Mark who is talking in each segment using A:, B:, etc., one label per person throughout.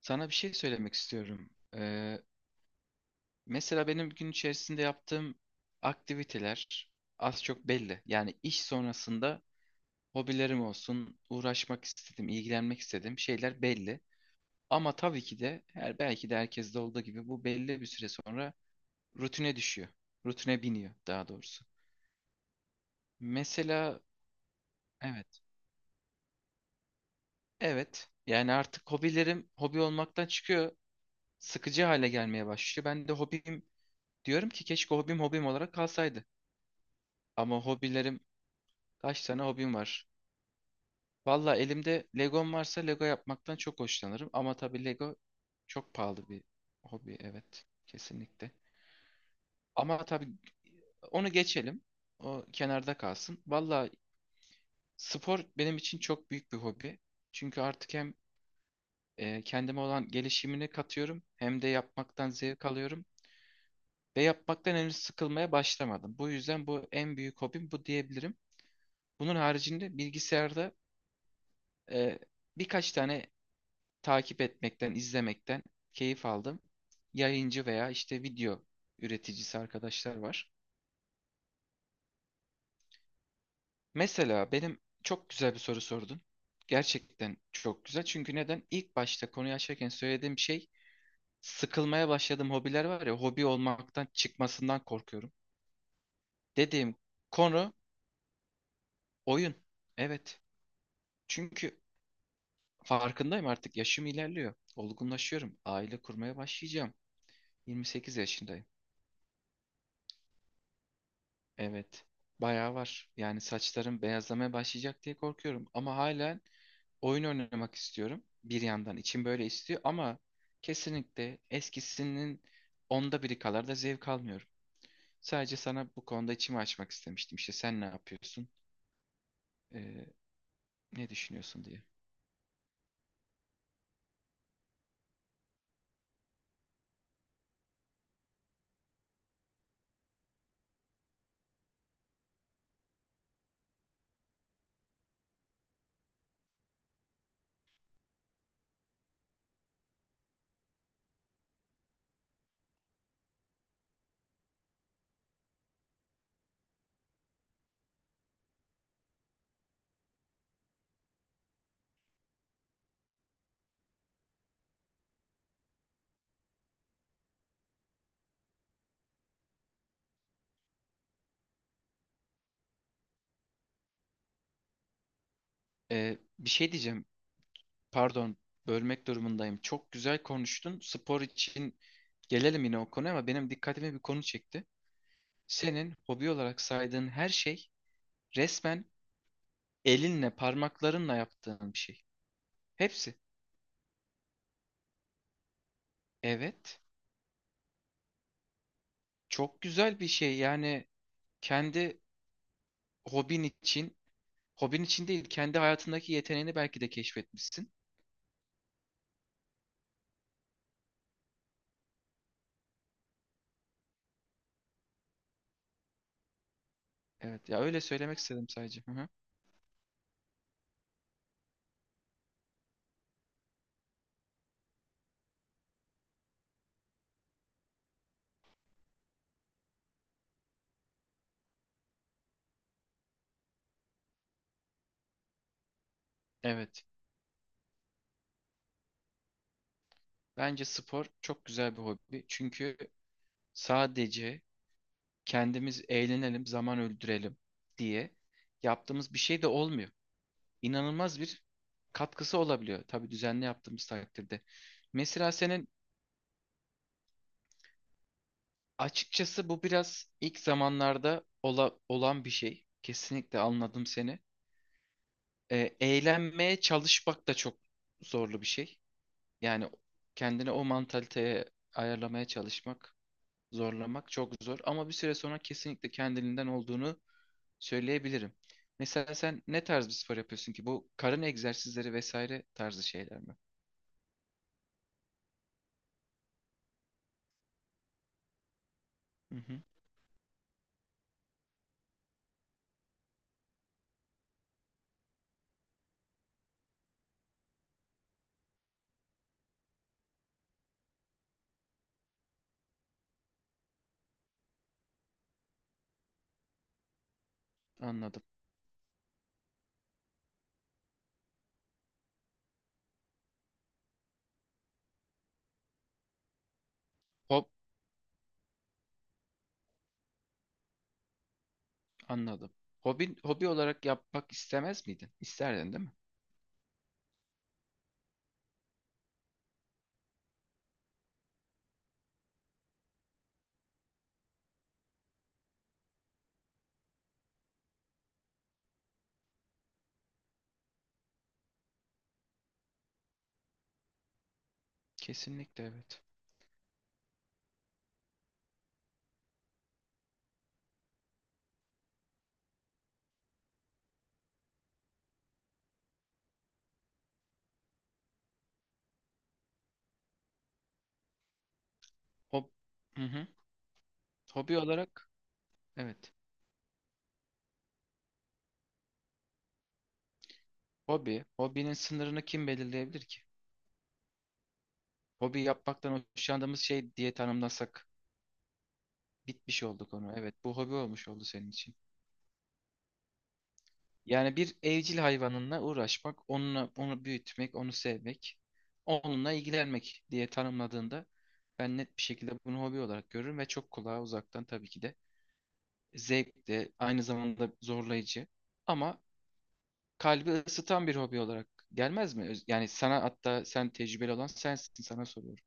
A: Sana bir şey söylemek istiyorum. Ee, mesela benim gün içerisinde yaptığım aktiviteler az çok belli. Yani iş sonrasında hobilerim olsun, uğraşmak istedim, ilgilenmek istediğim şeyler belli. Ama tabii ki de her belki de herkeste olduğu gibi bu belli bir süre sonra rutine düşüyor. Rutine biniyor daha doğrusu. Mesela evet, evet. Yani artık hobilerim hobi olmaktan çıkıyor, sıkıcı hale gelmeye başlıyor. Ben de hobim diyorum ki keşke hobim olarak kalsaydı. Ama hobilerim kaç tane hobim var? Valla elimde Legom varsa Lego yapmaktan çok hoşlanırım. Ama tabii Lego çok pahalı bir hobi. Evet, kesinlikle. Ama tabii onu geçelim. O kenarda kalsın. Valla spor benim için çok büyük bir hobi. Çünkü artık hem kendime olan gelişimini katıyorum hem de yapmaktan zevk alıyorum. Ve yapmaktan henüz sıkılmaya başlamadım. Bu yüzden bu en büyük hobim bu diyebilirim. Bunun haricinde bilgisayarda e, birkaç tane takip etmekten, izlemekten keyif aldım. Yayıncı veya işte video üreticisi arkadaşlar var. Mesela benim çok güzel bir soru sordun. Gerçekten çok güzel. Çünkü neden? İlk başta konuyu açarken söylediğim şey sıkılmaya başladığım hobiler var ya hobi olmaktan çıkmasından korkuyorum. Dediğim konu oyun. Evet. Çünkü farkındayım artık yaşım ilerliyor. Olgunlaşıyorum. Aile kurmaya başlayacağım. 28 yaşındayım. Evet. Bayağı var. Yani saçlarım beyazlamaya başlayacak diye korkuyorum. Ama hala oyun oynamak istiyorum. Bir yandan içim böyle istiyor ama kesinlikle eskisinin onda biri kadar da zevk almıyorum. Sadece sana bu konuda içimi açmak istemiştim. İşte sen ne yapıyorsun? Ee, ne düşünüyorsun diye. Bir şey diyeceğim. Pardon, bölmek durumundayım. Çok güzel konuştun. Spor için gelelim yine o konuya ama benim dikkatimi bir konu çekti. Senin hobi olarak saydığın her şey resmen elinle, parmaklarınla yaptığın bir şey. Hepsi. Evet. Çok güzel bir şey. Yani kendi hobin için, hobin için değil, kendi hayatındaki yeteneğini belki de keşfetmişsin. Evet. Ya öyle söylemek istedim sadece. Hı hı. Evet. Bence spor çok güzel bir hobi. Çünkü sadece kendimiz eğlenelim, zaman öldürelim diye yaptığımız bir şey de olmuyor. İnanılmaz bir katkısı olabiliyor. Tabii düzenli yaptığımız takdirde. Mesela senin açıkçası bu biraz ilk zamanlarda olan bir şey. Kesinlikle anladım seni. Eğlenmeye çalışmak da çok zorlu bir şey. Yani kendini o mantaliteye ayarlamaya çalışmak, zorlamak çok zor. Ama bir süre sonra kesinlikle kendiliğinden olduğunu söyleyebilirim. Mesela sen ne tarz bir spor yapıyorsun ki? Bu karın egzersizleri vesaire tarzı şeyler mi? Hı hı, anladım. Hop, anladım. Hobi, hobi olarak yapmak istemez miydin? İsterdin, değil mi? Kesinlikle evet. Hob hı hı. Hobi olarak evet. Hobi. Hobinin sınırını kim belirleyebilir ki? Hobi yapmaktan hoşlandığımız şey diye tanımlasak bitmiş oldu konu. Evet, bu hobi olmuş oldu senin için. Yani bir evcil hayvanınla uğraşmak, onunla onu büyütmek, onu sevmek, onunla ilgilenmek diye tanımladığında ben net bir şekilde bunu hobi olarak görürüm ve çok kulağa uzaktan tabii ki de zevk de aynı zamanda zorlayıcı ama kalbi ısıtan bir hobi olarak gelmez mi? Yani sana hatta sen tecrübeli olan sensin sana soruyorum.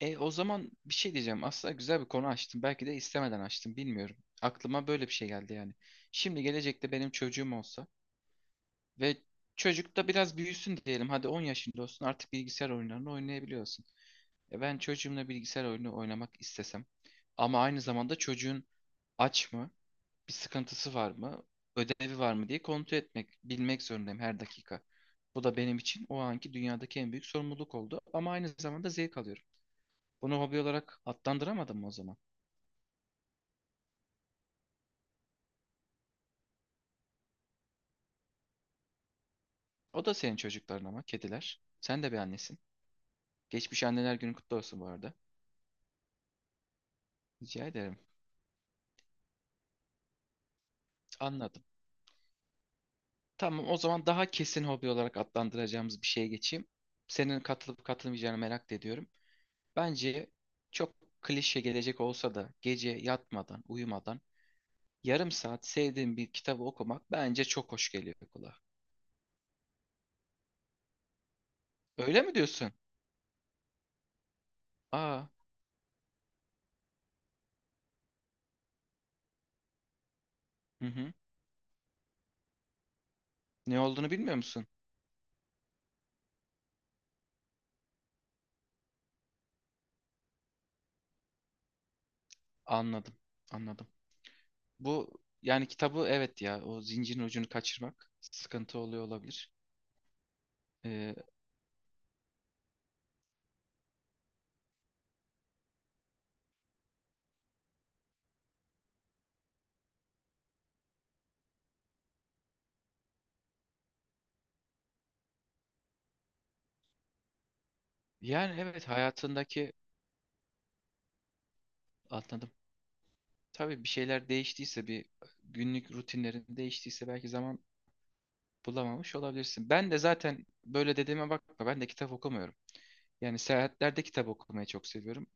A: E o zaman bir şey diyeceğim. Aslında güzel bir konu açtım. Belki de istemeden açtım bilmiyorum. Aklıma böyle bir şey geldi yani. Şimdi gelecekte benim çocuğum olsa ve çocuk da biraz büyüsün diyelim. Hadi 10 yaşında olsun artık bilgisayar oyunlarını oynayabiliyorsun. E ben çocuğumla bilgisayar oyunu oynamak istesem ama aynı zamanda çocuğun aç mı, bir sıkıntısı var mı, ödevi var mı diye kontrol etmek, bilmek zorundayım her dakika. Bu da benim için o anki dünyadaki en büyük sorumluluk oldu ama aynı zamanda zevk alıyorum. Bunu hobi olarak adlandıramadım mı o zaman? O da senin çocukların ama kediler. Sen de bir annesin. Geçmiş anneler günü kutlu olsun bu arada. Rica ederim. Anladım. Tamam o zaman daha kesin hobi olarak adlandıracağımız bir şeye geçeyim. Senin katılıp katılmayacağını merak da ediyorum. Bence çok klişe gelecek olsa da gece yatmadan, uyumadan yarım saat sevdiğim bir kitabı okumak bence çok hoş geliyor kulağa. Öyle mi diyorsun? Aa, hı hı. Ne olduğunu bilmiyor musun? Anladım, anladım. Bu yani kitabı evet ya o zincirin ucunu kaçırmak sıkıntı oluyor olabilir. Ee, yani evet hayatındaki anladım. Tabii bir şeyler değiştiyse bir günlük rutinlerin değiştiyse belki zaman bulamamış olabilirsin. Ben de zaten böyle dediğime bakma ben de kitap okumuyorum. Yani seyahatlerde kitap okumayı çok seviyorum.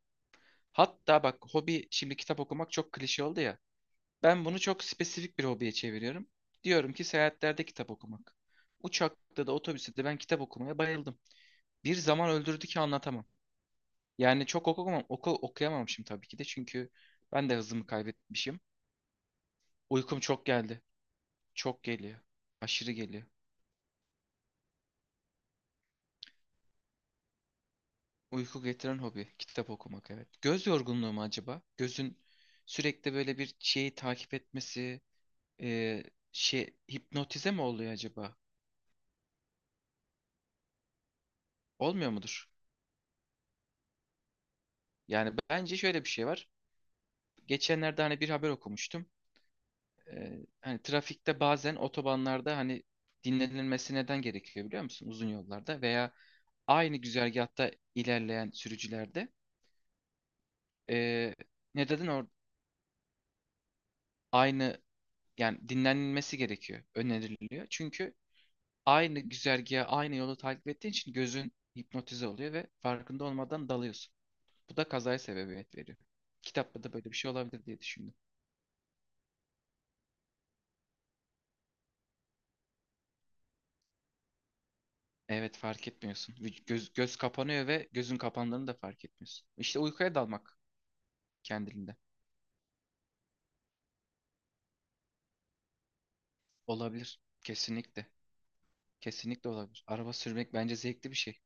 A: Hatta bak hobi şimdi kitap okumak çok klişe oldu ya. Ben bunu çok spesifik bir hobiye çeviriyorum. Diyorum ki seyahatlerde kitap okumak. Uçakta da otobüste de ben kitap okumaya bayıldım. Bir zaman öldürdü ki anlatamam. Yani çok okumam, okuyamamışım tabii ki de çünkü ben de hızımı kaybetmişim. Uykum çok geldi. Çok geliyor. Aşırı geliyor. Uyku getiren hobi kitap okumak evet. Göz yorgunluğu mu acaba? Gözün sürekli böyle bir şeyi takip etmesi, e, şey hipnotize mi oluyor acaba? Olmuyor mudur? Yani bence şöyle bir şey var. Geçenlerde hani bir haber okumuştum. Hani trafikte bazen otobanlarda hani dinlenilmesi neden gerekiyor biliyor musun? Uzun yollarda veya aynı güzergahta ilerleyen sürücülerde ee, ne dedin? Aynı, yani dinlenilmesi gerekiyor, öneriliyor. Çünkü aynı güzergahı, aynı yolu takip ettiğin için gözün hipnotize oluyor ve farkında olmadan dalıyorsun. Bu da kazaya sebebiyet veriyor. Kitapta da böyle bir şey olabilir diye düşündüm. Evet fark etmiyorsun. Göz kapanıyor ve gözün kapandığını da fark etmiyorsun. İşte uykuya dalmak kendiliğinden. Olabilir. Kesinlikle. Kesinlikle olabilir. Araba sürmek bence zevkli bir şey.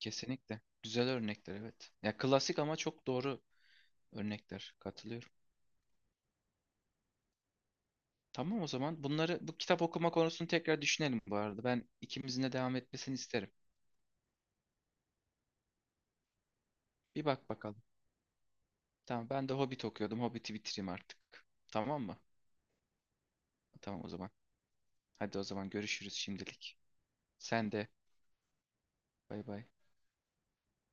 A: Kesinlikle. Güzel örnekler evet. Ya klasik ama çok doğru örnekler. Katılıyorum. Tamam o zaman bunları bu kitap okuma konusunu tekrar düşünelim bu arada. Ben ikimizin de devam etmesini isterim. Bir bak bakalım. Tamam ben de Hobbit okuyordum. Hobbit'i bitireyim artık. Tamam mı? Tamam o zaman. Hadi o zaman görüşürüz şimdilik. Sen de bay bay.